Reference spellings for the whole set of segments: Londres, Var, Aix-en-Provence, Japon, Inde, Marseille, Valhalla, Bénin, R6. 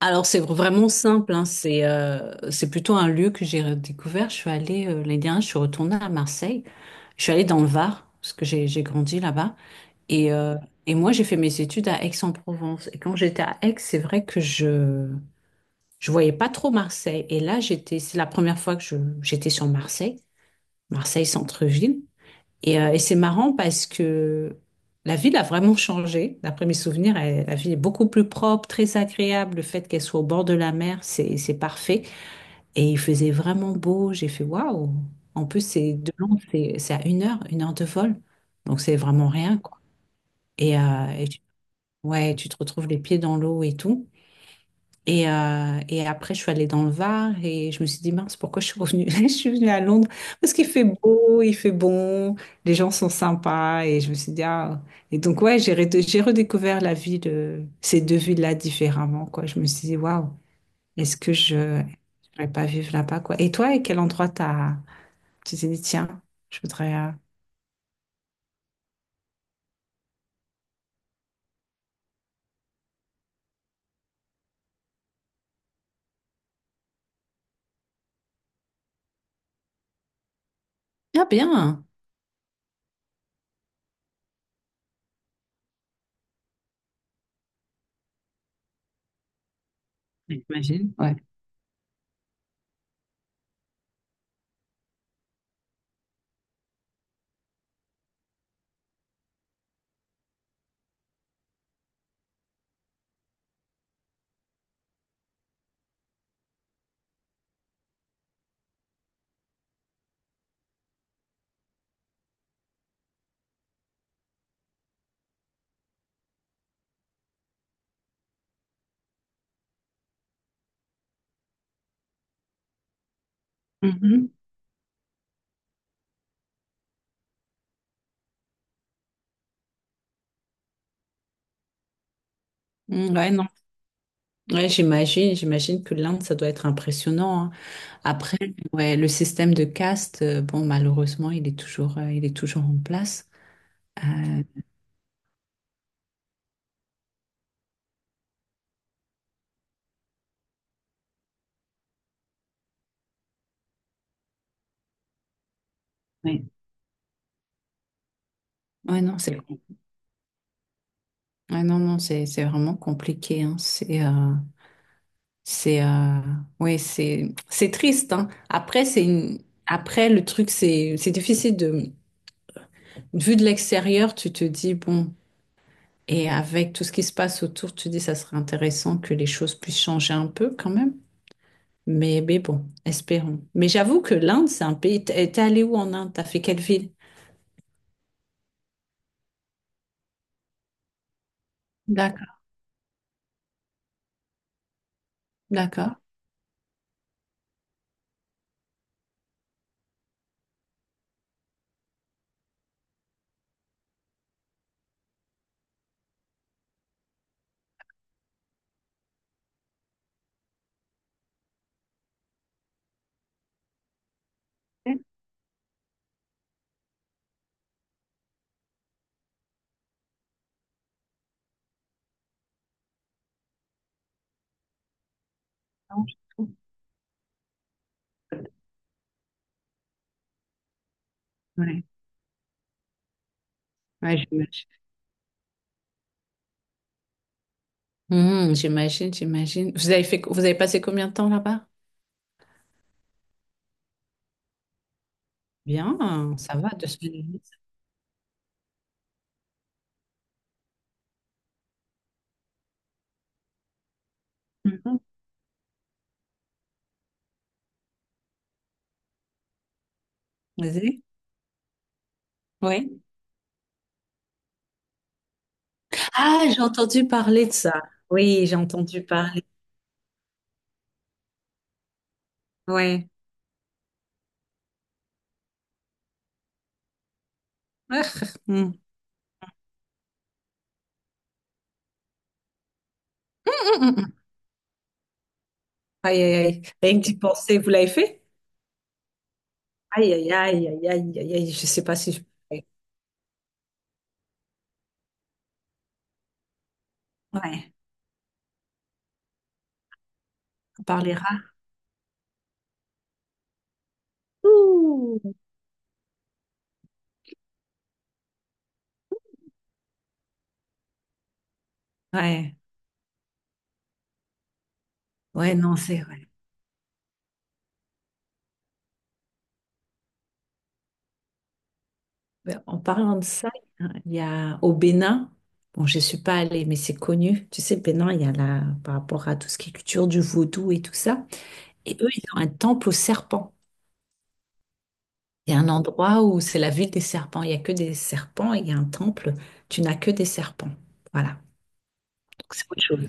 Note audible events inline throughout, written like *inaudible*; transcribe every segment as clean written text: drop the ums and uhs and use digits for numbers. Alors, c'est vraiment simple, hein. C'est plutôt un lieu que j'ai redécouvert. Je suis allée, l'année dernière, je suis retournée à Marseille. Je suis allée dans le Var, parce que j'ai grandi là-bas. Et, euh, et moi, j'ai fait mes études à Aix-en-Provence. Et quand j'étais à Aix, c'est vrai que je voyais pas trop Marseille. Et là, j'étais, c'est la première fois que je j'étais sur Marseille, Marseille centre-ville. Et c'est marrant parce que la ville a vraiment changé. D'après mes souvenirs, la ville est beaucoup plus propre, très agréable. Le fait qu'elle soit au bord de la mer, c'est parfait. Et il faisait vraiment beau. J'ai fait waouh. En plus, c'est de Londres, c'est à 1 heure, 1 heure de vol. Donc, c'est vraiment rien, quoi. Et, euh, et tu- ouais, tu te retrouves les pieds dans l'eau et tout. Et après, je suis allée dans le Var et je me suis dit, mince, pourquoi je suis revenue? *laughs* Je suis venue à Londres parce qu'il fait beau, il fait bon, les gens sont sympas. Et je me suis dit, ah. Et donc, ouais, j'ai redécouvert la ville, ces deux villes-là différemment, quoi. Je me suis dit, waouh, est-ce que je ne pourrais pas vivre là-bas, quoi. Et toi, à quel endroit t'as... tu t'es dit, tiens, je voudrais. Ah, bien! J'imagine, ouais. Mhm. Mm, ouais, non. Ouais, j'imagine, j'imagine que l'Inde, ça doit être impressionnant. Après, ouais, le système de caste, bon, malheureusement, il est toujours en place. Euh, ouais. Ouais, non, c'est, ouais, non, non, c'est vraiment compliqué, hein. C'est, euh, ouais, c'est triste, hein. Après, c'est une, après, le truc, c'est difficile de, vu de l'extérieur, tu te dis, bon, et avec tout ce qui se passe autour, tu te dis, ça serait intéressant que les choses puissent changer un peu quand même. Mais bon, espérons. Mais j'avoue que l'Inde, c'est un pays. T'es allé où en Inde? T'as fait quelle ville? D'accord, d'accord. Non, je trouve. Ouais, ouais, j'imagine. Hmm, j'imagine, j'imagine. Vous avez fait, vous avez passé combien de temps là-bas? Bien, ça va, 2 semaines et demie. Mhm, vas-y. Oui. Ah, j'ai entendu parler de ça. Oui, j'ai entendu parler. Oui. Ah, hmm. Hmm. *laughs* Aïe, aïe, aïe. Rien que d'y penser, vous l'avez fait? Aïe, aïe, aïe, aïe, aïe, aïe, aïe. Je sais pas si je... pourrais. Ouais, on parlera. Ouais, ouais, non, c'est vrai. Ben, en parlant de ça, il y a au Bénin, bon, je ne suis pas allée, mais c'est connu. Tu sais, le Bénin, il y a là, par rapport à tout ce qui est culture du vaudou et tout ça. Et eux, ils ont un temple aux serpents. Il y a un endroit où c'est la ville des serpents. Il n'y a que des serpents et il y a un temple. Tu n'as que des serpents. Voilà. Donc, c'est autre chose.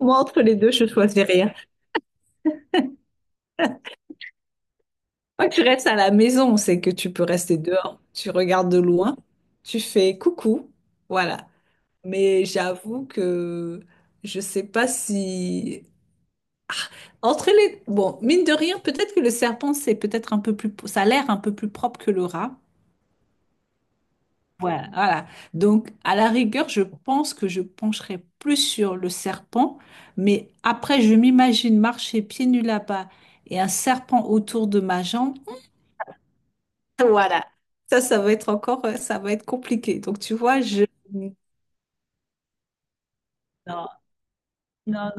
Moi, entre les deux, je choisis rien. Moi, tu restes à la maison, c'est que tu peux rester dehors. Tu regardes de loin. Tu fais coucou. Voilà. Mais j'avoue que je sais pas si... Ah, entre les... Bon, mine de rien, peut-être que le serpent, c'est peut-être un peu plus... Ça a l'air un peu plus propre que le rat. Voilà, voilà. Donc, à la rigueur, je pense que je pencherai plus sur le serpent. Mais après, je m'imagine marcher pieds nus là-bas et un serpent autour de ma jambe. Voilà. Ça va être encore... Ça va être compliqué. Donc, tu vois, je... Non, non,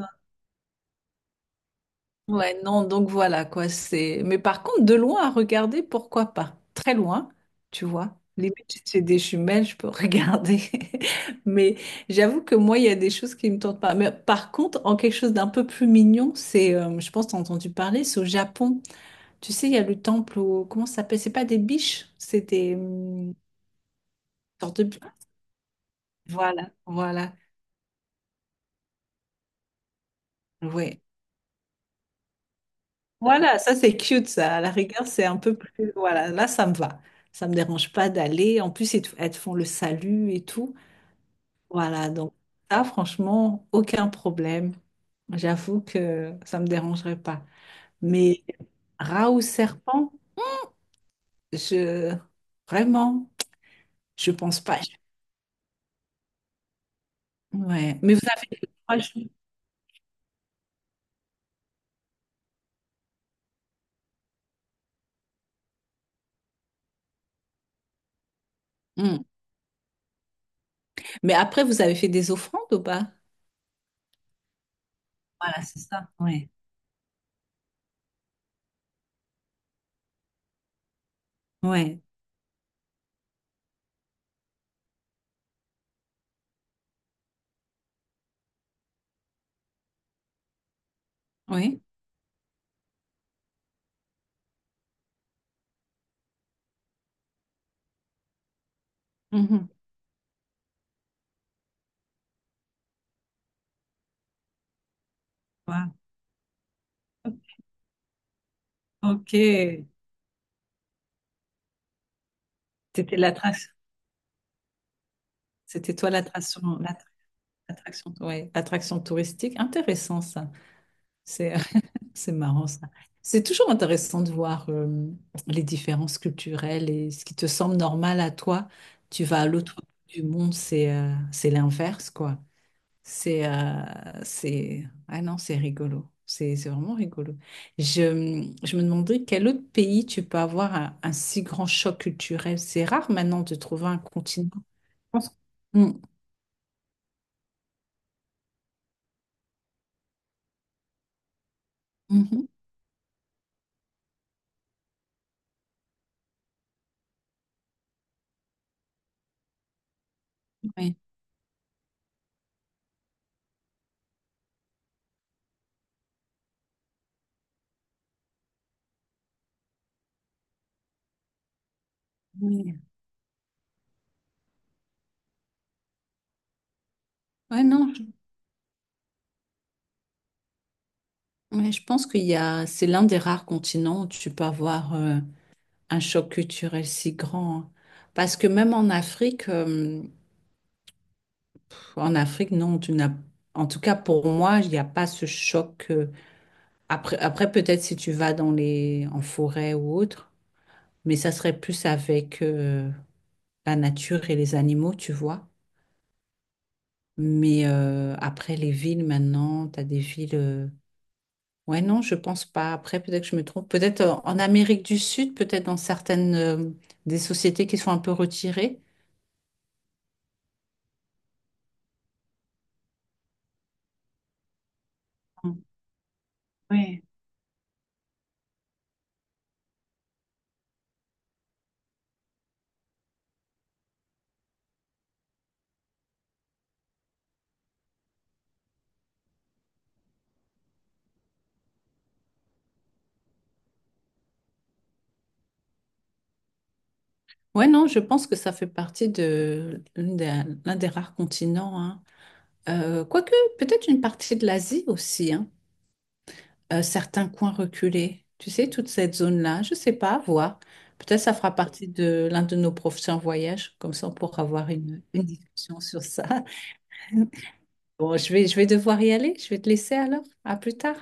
ouais, non, donc voilà quoi, c'est. Mais par contre, de loin à regarder, pourquoi pas? Très loin, tu vois. Limite, si c'est des jumelles, je peux regarder. *laughs* Mais j'avoue que moi, il y a des choses qui me tentent pas. Mais par contre, en quelque chose d'un peu plus mignon, c'est, je pense, t'as entendu parler, c'est au Japon. Tu sais, il y a le temple au... Comment ça s'appelle? C'est pas des biches, c'est des sortes de. Voilà, voilà. Ouais. Voilà, ça c'est cute, ça. À la rigueur, c'est un peu plus. Voilà, là ça me va. Ça me dérange pas d'aller. En plus, ils te elles te font le salut et tout. Voilà, donc ça, franchement, aucun problème. J'avoue que ça me dérangerait pas. Mais rat ou serpent, je. Vraiment, je pense pas. Ouais, mais vous avez fait 3 jours. Hmm. Mais après, vous avez fait des offrandes ou pas? Voilà, c'est ça. Ouais, ouais, oui. Mhm. Wow. Ok, c'était l'attraction. C'était toi l'attraction, l'attraction, ouais, attraction touristique. Intéressant ça. C'est, *laughs* c'est marrant ça. C'est toujours intéressant de voir les différences culturelles et ce qui te semble normal à toi, tu vas à l'autre bout du monde, c'est l'inverse quoi. C'est euh, c'est Ah non, c'est rigolo. C'est vraiment rigolo. Je me demandais quel autre pays tu peux avoir un si grand choc culturel. C'est rare maintenant de trouver un continent. Je pense- Mm. Mhm. Oui. Ouais, ouais, non, ouais, je pense qu'il y a, c'est l'un des rares continents où tu peux avoir un choc culturel si grand, hein. Parce que même en Afrique, non, tu n'as, en tout cas pour moi, il n'y a pas ce choc. Après, après peut-être si tu vas dans les, en forêt ou autre, mais ça serait plus avec la nature et les animaux, tu vois. Mais après les villes maintenant, tu as des villes. Ouais, non, je pense pas. Après, peut-être que je me trompe. Peut-être en Amérique du Sud, peut-être dans certaines des sociétés qui sont un peu retirées. Ouais. Ouais, non, je pense que ça fait partie de l'un des rares continents, hein. Quoique, peut-être une partie de l'Asie aussi, hein. Certains coins reculés. Tu sais, toute cette zone-là, je sais pas, à voir. Peut-être ça fera partie de l'un de nos prochains voyages. Comme ça, on pourra avoir une discussion sur ça. *laughs* Bon, je vais devoir y aller. Je vais te laisser alors. À plus tard.